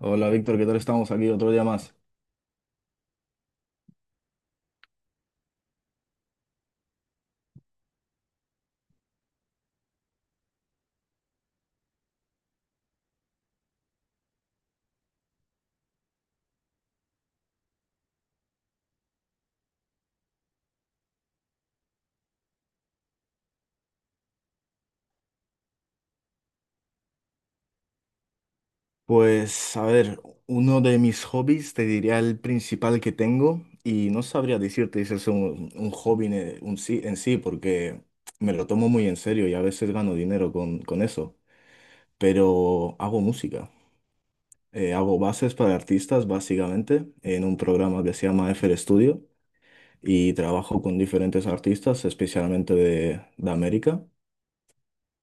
Hola Víctor, ¿qué tal estamos aquí otro día más? Pues a ver, uno de mis hobbies, te diría el principal que tengo y no sabría decirte si es un hobby en sí, porque me lo tomo muy en serio y a veces gano dinero con eso, pero hago música. Hago bases para artistas básicamente en un programa que se llama FL Studio, y trabajo con diferentes artistas, especialmente de América.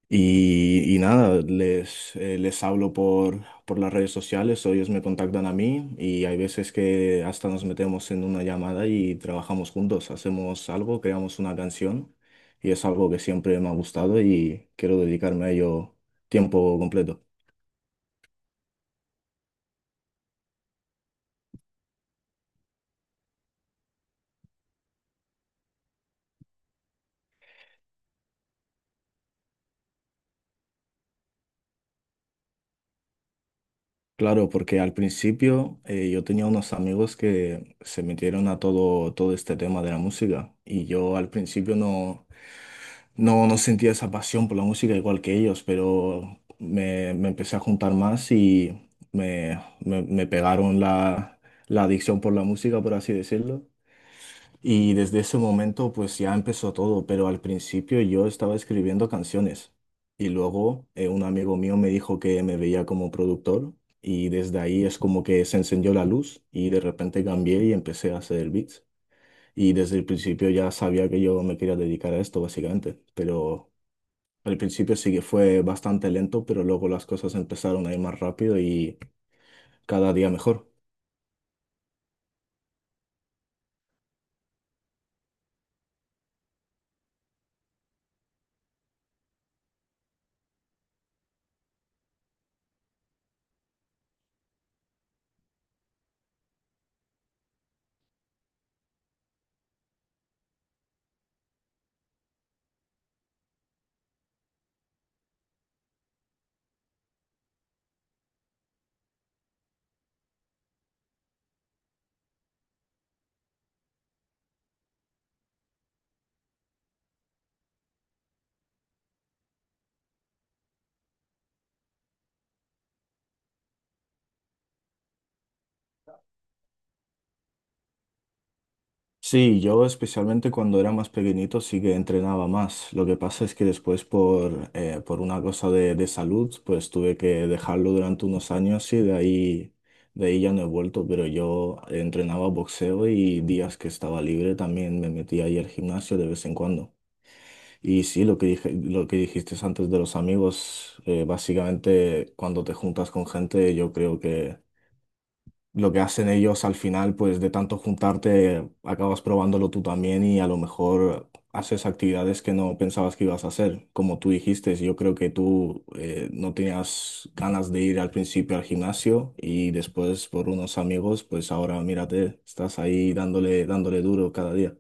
Y nada, les hablo por las redes sociales, o ellos me contactan a mí, y hay veces que hasta nos metemos en una llamada y trabajamos juntos, hacemos algo, creamos una canción, y es algo que siempre me ha gustado y quiero dedicarme a ello tiempo completo. Claro, porque al principio yo tenía unos amigos que se metieron a todo este tema de la música, y yo al principio no sentía esa pasión por la música igual que ellos, pero me empecé a juntar más y me pegaron la adicción por la música, por así decirlo. Y desde ese momento pues ya empezó todo, pero al principio yo estaba escribiendo canciones, y luego un amigo mío me dijo que me veía como productor, y desde ahí es como que se encendió la luz y de repente cambié y empecé a hacer beats. Y desde el principio ya sabía que yo me quería dedicar a esto, básicamente, pero al principio sí que fue bastante lento, pero luego las cosas empezaron a ir más rápido y cada día mejor. Sí, yo especialmente cuando era más pequeñito sí que entrenaba más. Lo que pasa es que después por una cosa de salud, pues tuve que dejarlo durante unos años, y de ahí ya no he vuelto, pero yo entrenaba boxeo, y días que estaba libre también me metía ahí al gimnasio de vez en cuando. Y sí, lo que dijiste antes de los amigos, básicamente cuando te juntas con gente, yo creo que lo que hacen ellos al final, pues de tanto juntarte, acabas probándolo tú también, y a lo mejor haces actividades que no pensabas que ibas a hacer. Como tú dijiste, yo creo que tú no tenías ganas de ir al principio al gimnasio, y después por unos amigos, pues ahora mírate, estás ahí dándole, dándole duro cada día.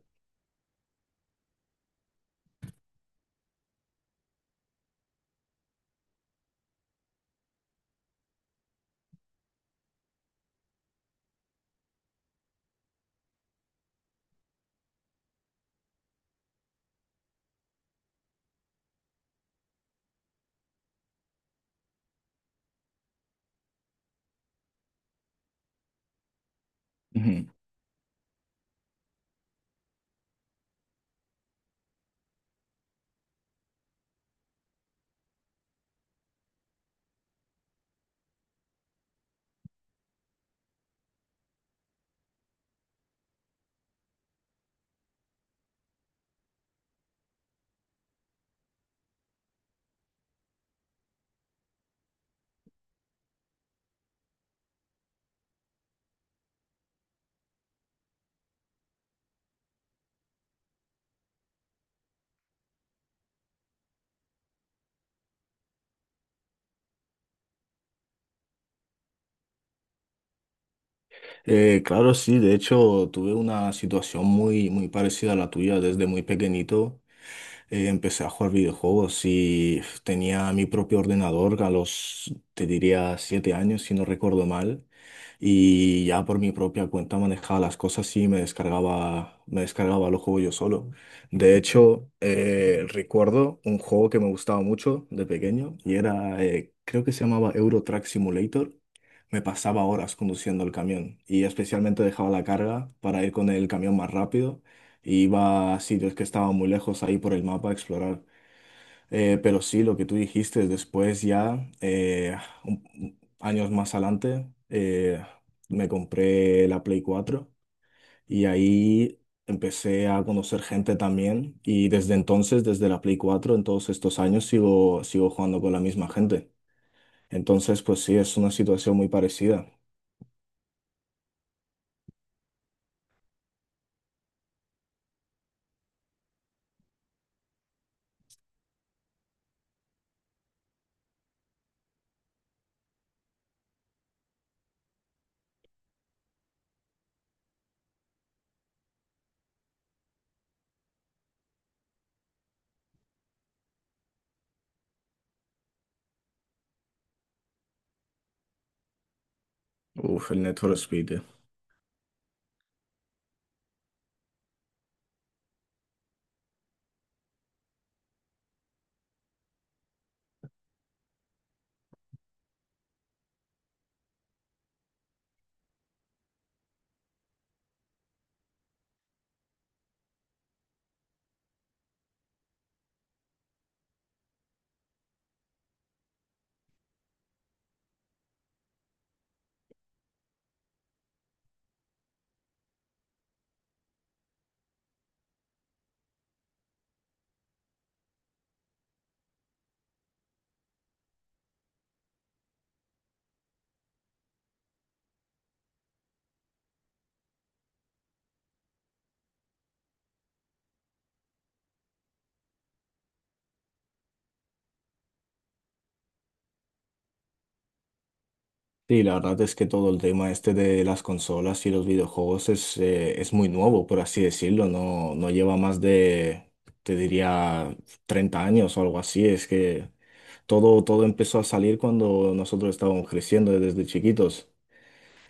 Claro, sí, de hecho tuve una situación muy, muy parecida a la tuya desde muy pequeñito. Empecé a jugar videojuegos y tenía mi propio ordenador a los, te diría, 7 años, si no recuerdo mal, y ya por mi propia cuenta manejaba las cosas y me descargaba los juegos yo solo. De hecho, recuerdo un juego que me gustaba mucho de pequeño, y era, creo que se llamaba Euro Truck Simulator. Me pasaba horas conduciendo el camión, y especialmente dejaba la carga para ir con el camión más rápido. E iba a sitios que estaban muy lejos ahí por el mapa a explorar. Pero sí, lo que tú dijiste, después ya, un- años más adelante, me compré la Play 4, y ahí empecé a conocer gente también, y desde entonces, desde la Play 4 en todos estos años sigo jugando con la misma gente. Entonces, pues sí, es una situación muy parecida. Uf, el Need for Speed. Sí, la verdad es que todo el tema este de las consolas y los videojuegos es muy nuevo, por así decirlo. No, no lleva más de, te diría, 30 años o algo así. Es que todo empezó a salir cuando nosotros estábamos creciendo desde chiquitos.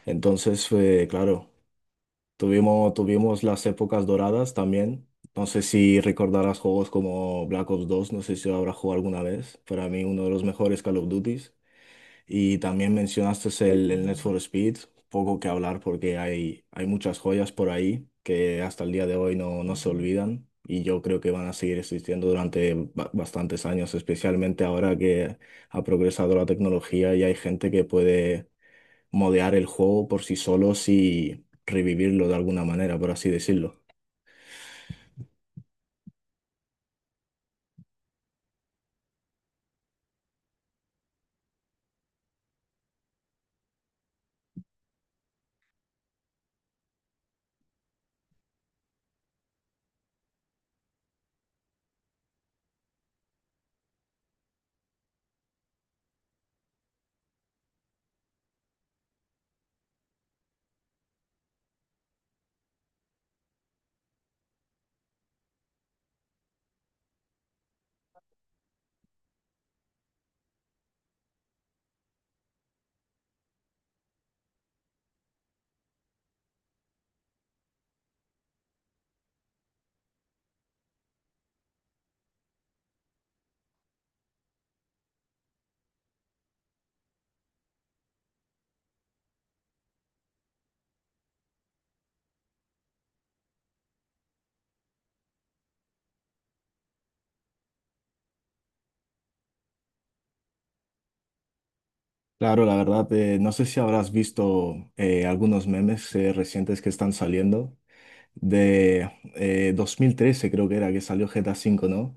Entonces, claro, tuvimos las épocas doradas también. No sé si recordarás juegos como Black Ops 2. No sé si habrá jugado alguna vez. Para mí, uno de los mejores Call of Duty. Y también mencionaste el Need for Speed. Poco que hablar, porque hay muchas joyas por ahí que hasta el día de hoy no, no se olvidan, y yo creo que van a seguir existiendo durante bastantes años, especialmente ahora que ha progresado la tecnología y hay gente que puede modear el juego por sí solos y revivirlo de alguna manera, por así decirlo. Claro, la verdad, no sé si habrás visto algunos memes recientes que están saliendo de 2013, creo que era que salió GTA V, ¿no?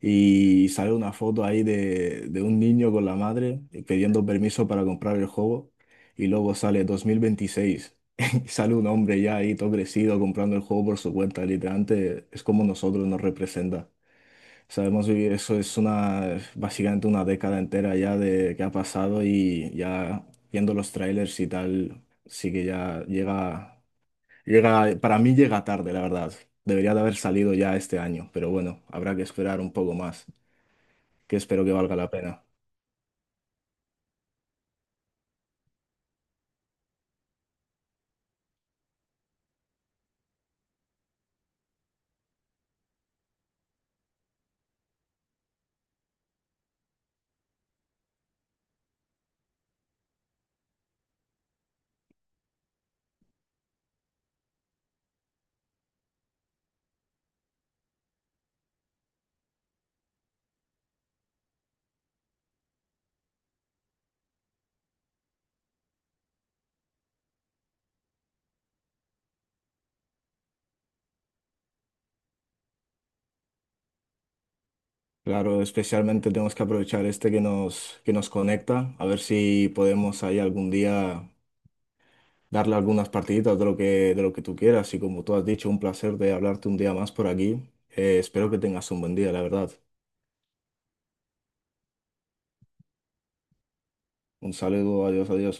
Y sale una foto ahí de un niño con la madre, pidiendo permiso para comprar el juego, y luego sale 2026 y sale un hombre ya ahí todo crecido comprando el juego por su cuenta. Literalmente, es como nosotros, nos representa. Sabemos vivir. Eso es una, básicamente, una década entera ya de que ha pasado, y ya viendo los trailers y tal, sí que ya llega. Llega, para mí llega tarde, la verdad. Debería de haber salido ya este año, pero bueno, habrá que esperar un poco más, que espero que valga la pena. Claro, especialmente tenemos que aprovechar este que nos conecta, a ver si podemos ahí algún día darle algunas partiditas de lo que tú quieras. Y como tú has dicho, un placer de hablarte un día más por aquí. Espero que tengas un buen día, la verdad. Un saludo, adiós, adiós.